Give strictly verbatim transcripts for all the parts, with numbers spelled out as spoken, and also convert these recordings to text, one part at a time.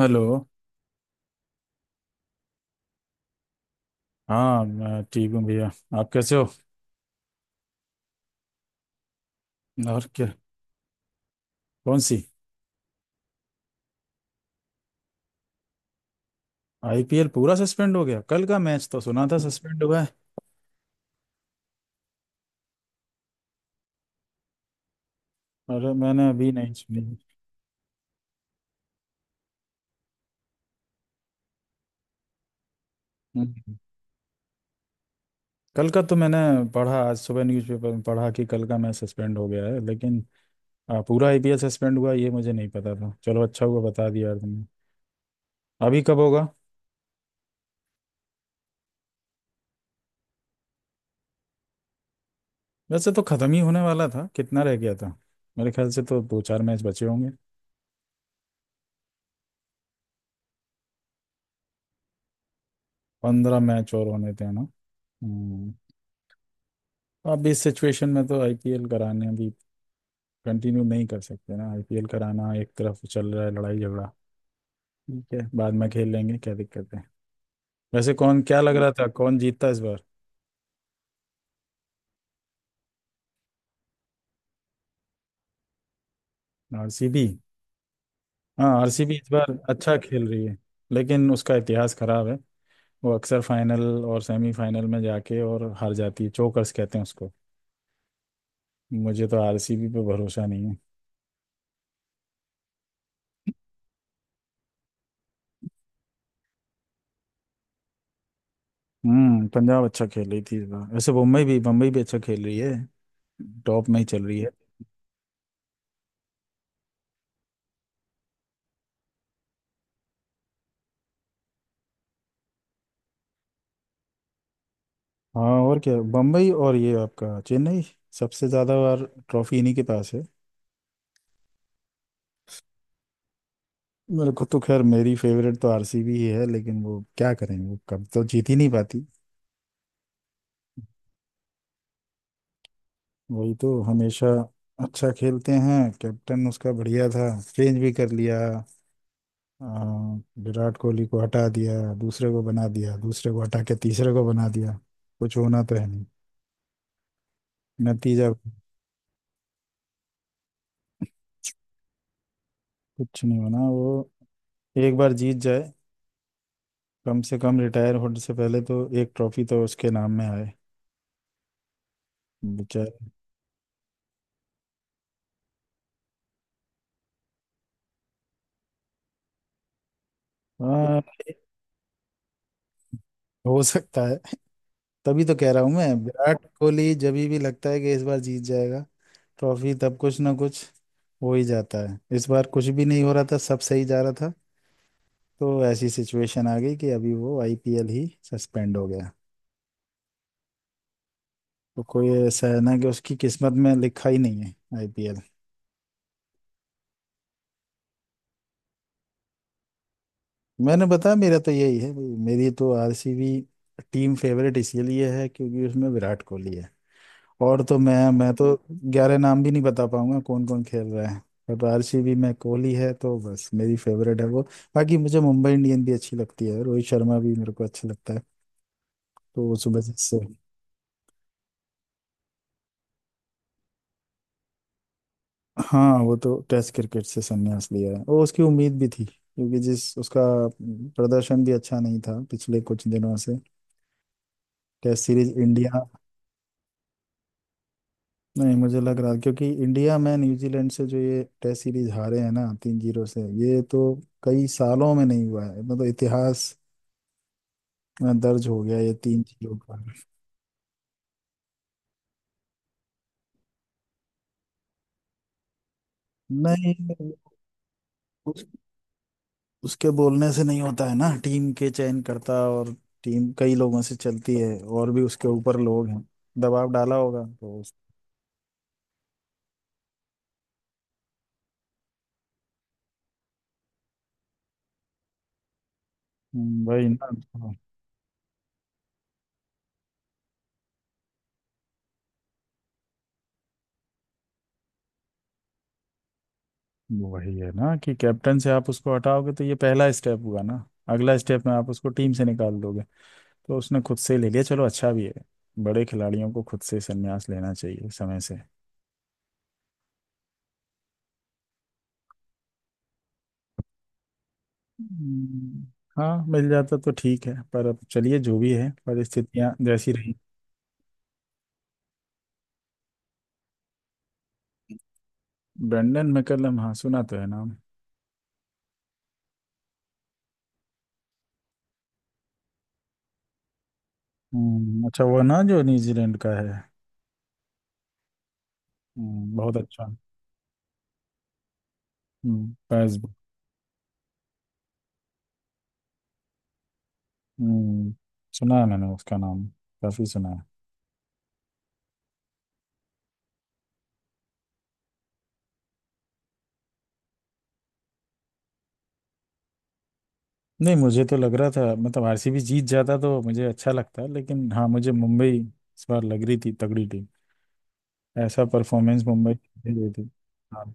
Hello. हाँ मैं ठीक हूँ भैया। आप कैसे हो? और क्या, कौन सी? आईपीएल पूरा सस्पेंड हो गया? कल का मैच तो सुना था सस्पेंड हुआ है। अरे मैंने अभी नहीं सुनी। हम्म। कल का तो मैंने पढ़ा, आज सुबह न्यूज़पेपर में पढ़ा कि कल का मैच सस्पेंड हो गया है, लेकिन आ, पूरा आईपीएल सस्पेंड हुआ ये मुझे नहीं पता था। चलो अच्छा हुआ बता दिया यार तुमने। अभी कब होगा? वैसे तो खत्म ही होने वाला था, कितना रह गया था? मेरे ख्याल से तो दो चार मैच बचे होंगे। पंद्रह मैच और होने थे ना? हम्म, अब इस सिचुएशन में तो आईपीएल कराने अभी कंटिन्यू नहीं कर सकते ना। आईपीएल कराना एक तरफ, चल रहा है लड़ाई झगड़ा। ठीक है बाद में खेल लेंगे, क्या दिक्कत है। वैसे कौन, क्या लग रहा था कौन जीतता इस बार? आरसीबी। हाँ आरसीबी इस बार अच्छा खेल रही है, लेकिन उसका इतिहास खराब है। वो अक्सर फाइनल और सेमीफाइनल में जाके और हार जाती है, चोकर्स कहते हैं उसको। मुझे तो आरसीबी पे भरोसा नहीं है। हम्म, पंजाब अच्छा खेल रही थी इस बार। वैसे मुंबई भी मुंबई भी अच्छा खेल रही है, टॉप में ही चल रही है। हाँ और क्या, बम्बई और ये आपका चेन्नई, सबसे ज़्यादा बार ट्रॉफी इन्हीं के पास है। मेरे को तो, खैर मेरी फेवरेट तो आरसीबी ही है, लेकिन वो क्या करें, वो कब तो जीत ही नहीं पाती। वही तो हमेशा, अच्छा खेलते हैं, कैप्टन उसका बढ़िया था, चेंज भी कर लिया। आ, विराट कोहली को हटा दिया दूसरे को बना दिया, दूसरे को हटा के तीसरे को बना दिया। कुछ होना तो है नहीं, नतीजा। कुछ नहीं होना। वो एक बार जीत जाए, कम से कम रिटायर होने से पहले तो एक ट्रॉफी तो उसके नाम में आए, बेचारा। हाँ। हो सकता है। तभी तो कह रहा हूँ मैं, विराट कोहली जब भी लगता है कि इस बार जीत जाएगा ट्रॉफी, तब कुछ ना कुछ हो ही जाता है। इस बार कुछ भी नहीं हो रहा था, सब सही जा रहा था, तो ऐसी सिचुएशन आ गई कि अभी वो आईपीएल ही सस्पेंड हो गया। तो कोई ऐसा है ना कि उसकी किस्मत में लिखा ही नहीं है आईपीएल। मैंने बताया, मेरा तो यही है भाई, मेरी तो आरसीबी टीम फेवरेट इसीलिए है क्योंकि उसमें विराट कोहली है। और तो मैं मैं तो ग्यारह नाम भी नहीं बता पाऊंगा कौन कौन खेल रहा है, बट आरसीबी में कोहली है तो बस मेरी फेवरेट है वो। बाकी मुझे मुंबई इंडियन भी अच्छी लगती है, रोहित शर्मा भी मेरे को अच्छा लगता है। तो वो सुबह से। हाँ वो तो टेस्ट क्रिकेट से संन्यास लिया है, वो उसकी उम्मीद भी थी क्योंकि जिस उसका प्रदर्शन भी अच्छा नहीं था पिछले कुछ दिनों से, टेस्ट सीरीज इंडिया। नहीं, मुझे लग रहा क्योंकि इंडिया में न्यूजीलैंड से जो ये टेस्ट सीरीज हारे हैं ना तीन जीरो से, ये तो कई सालों में नहीं हुआ है, मतलब इतिहास इतना दर्ज हो गया ये तीन चीजों का। नहीं उस, उसके बोलने से नहीं होता है ना, टीम के चयन करता, और टीम कई लोगों से चलती है, और भी उसके ऊपर लोग हैं। दबाव डाला होगा तो उस- हम्म, वही ना। हाँ, वही है ना कि कैप्टन से आप उसको हटाओगे तो ये पहला स्टेप हुआ ना, अगला स्टेप में आप उसको टीम से निकाल दोगे। तो उसने खुद से ले लिया, चलो अच्छा भी है, बड़े खिलाड़ियों को खुद से संन्यास लेना चाहिए समय से। हम्म, हाँ मिल जाता तो ठीक है, पर अब चलिए जो भी है, परिस्थितियां जैसी रही। ब्रेंडन मैकलम, हाँ सुना तो है नाम। हम्म, अच्छा वो ना जो न्यूजीलैंड का है। हम्म, बहुत अच्छा। हम्म, पैस। हम्म, सुना है मैंने उसका नाम, काफी सुना है। नहीं मुझे तो लग रहा था, मतलब आरसीबी जीत जाता तो मुझे अच्छा लगता, लेकिन हाँ मुझे मुंबई इस बार लग रही थी तगड़ी टीम, ऐसा परफॉर्मेंस मुंबई दे रही थी। हाँ।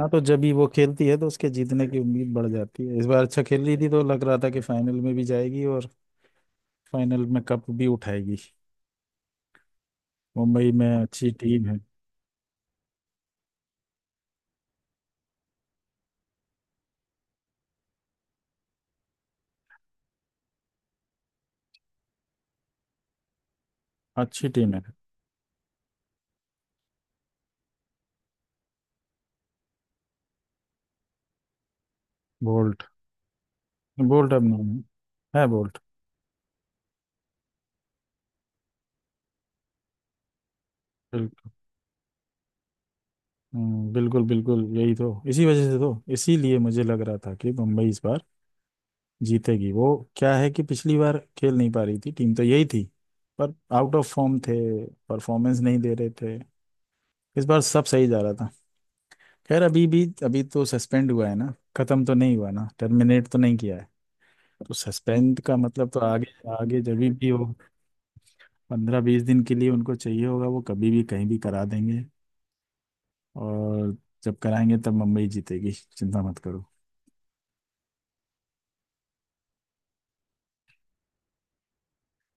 हाँ तो जब भी वो खेलती है तो उसके जीतने की उम्मीद बढ़ जाती है। इस बार अच्छा खेल रही थी तो लग रहा था कि फाइनल में भी जाएगी और फाइनल में कप भी उठाएगी। मुंबई में अच्छी टीम है, अच्छी टीम है। बोल्ट। बोल्ट अब नहीं। है है बोल्ट। बिल्कुल। हम्म, बिल्कुल बिल्कुल, यही तो, इसी वजह से तो, इसीलिए मुझे लग रहा था कि मुंबई इस बार जीतेगी। वो क्या है कि पिछली बार खेल नहीं पा रही थी, टीम तो यही थी पर आउट ऑफ फॉर्म थे, परफॉर्मेंस नहीं दे रहे थे, इस बार सब सही जा रहा था। खैर अभी भी, अभी तो सस्पेंड हुआ है ना, खत्म तो नहीं हुआ ना, टर्मिनेट तो नहीं किया है। तो सस्पेंड का मतलब तो आगे, आगे जब भी हो, पंद्रह बीस दिन के लिए उनको चाहिए होगा, वो कभी भी कहीं भी करा देंगे। और जब कराएंगे तब मुंबई जीतेगी, चिंता मत करो।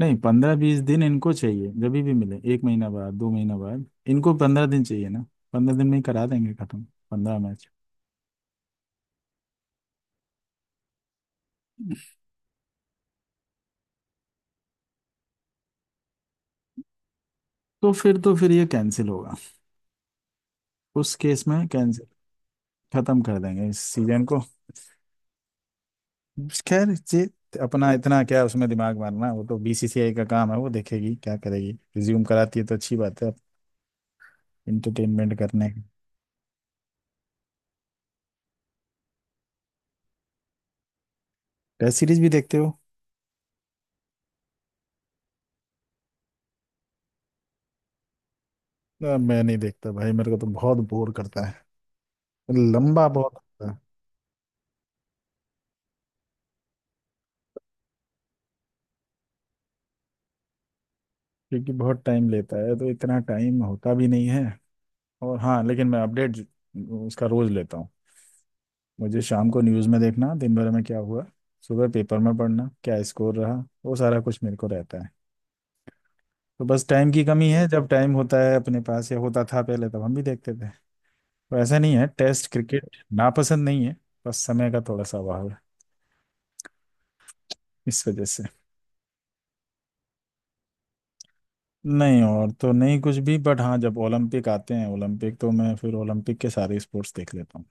नहीं, पंद्रह बीस दिन इनको चाहिए, जब भी मिले, एक महीना बाद दो महीना बाद, इनको पंद्रह दिन चाहिए ना, पंद्रह दिन में ही करा देंगे खत्म, पंद्रह मैच। तो फिर, तो फिर ये कैंसिल होगा, उस केस में कैंसिल। खत्म कर देंगे इस सीजन को। खैर, ये अपना इतना क्या उसमें दिमाग मारना, वो तो बीसीसीआई का काम है, वो देखेगी क्या करेगी। रिज्यूम कराती है तो अच्छी बात है। इंटरटेनमेंट करने की। टेस्ट सीरीज भी देखते हो? ना, मैं नहीं देखता भाई, मेरे को तो बहुत बोर करता है, लंबा बहुत होता है। क्योंकि बहुत टाइम लेता है तो इतना टाइम होता भी नहीं है, और हाँ लेकिन मैं अपडेट उसका रोज लेता हूँ। मुझे शाम को न्यूज़ में देखना दिन भर में क्या हुआ, सुबह पेपर में पढ़ना क्या स्कोर रहा, वो सारा कुछ मेरे को रहता है। तो बस टाइम की कमी है, जब टाइम होता है अपने पास, या होता था पहले तब हम भी देखते थे। तो ऐसा नहीं है, टेस्ट क्रिकेट नापसंद नहीं है, बस समय का थोड़ा सा अभाव है, इस वजह से। नहीं, और तो नहीं कुछ भी, बट हाँ जब ओलंपिक आते हैं ओलंपिक, तो मैं फिर ओलंपिक के सारे स्पोर्ट्स देख लेता हूँ।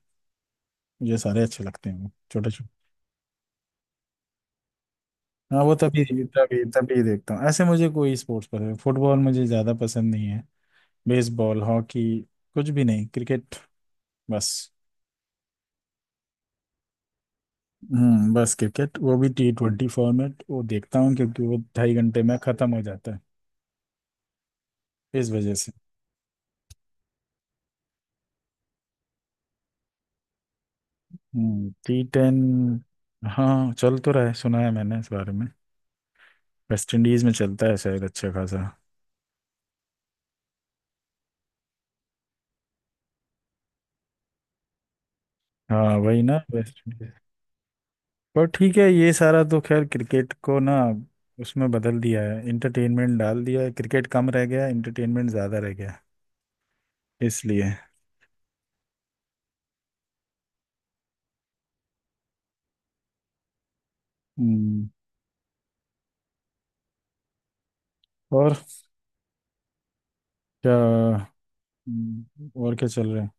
मुझे सारे अच्छे लगते हैं, वो छोटे छोटे। हाँ वो तभी तभी तभी देखता हूँ। ऐसे मुझे कोई स्पोर्ट्स पसंद, फुटबॉल मुझे ज़्यादा पसंद नहीं है, बेसबॉल हॉकी कुछ भी नहीं, क्रिकेट बस। हम्म बस क्रिकेट, वो भी टी ट्वेंटी फॉर्मेट वो देखता हूँ क्योंकि वो ढाई घंटे में ख़त्म हो जाता है, इस वजह से। हम्म, टी टेन, हाँ चल तो रहा है, सुना है मैंने इस बारे में। वेस्ट इंडीज़ में चलता है शायद अच्छा खासा। हाँ वही ना, वेस्ट इंडीज। पर ठीक है, ये सारा तो खैर, क्रिकेट को ना उसमें बदल दिया है, इंटरटेनमेंट डाल दिया है, क्रिकेट कम रह गया इंटरटेनमेंट ज़्यादा रह गया, इसलिए। हम्म, और क्या। हम्म, और क्या चल रहा है?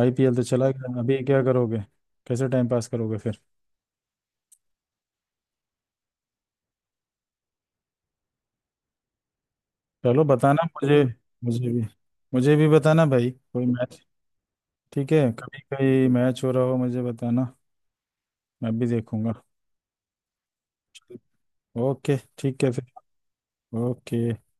आईपीएल तो चला गया, अभी क्या करोगे? कैसे टाइम पास करोगे फिर? चलो बताना मुझे, मुझे भी, मुझे भी बताना भाई, कोई मैच। ठीक है, कभी कभी मैच हो रहा हो मुझे बताना, मैं भी देखूंगा। ओके ठीक है फिर। ओके।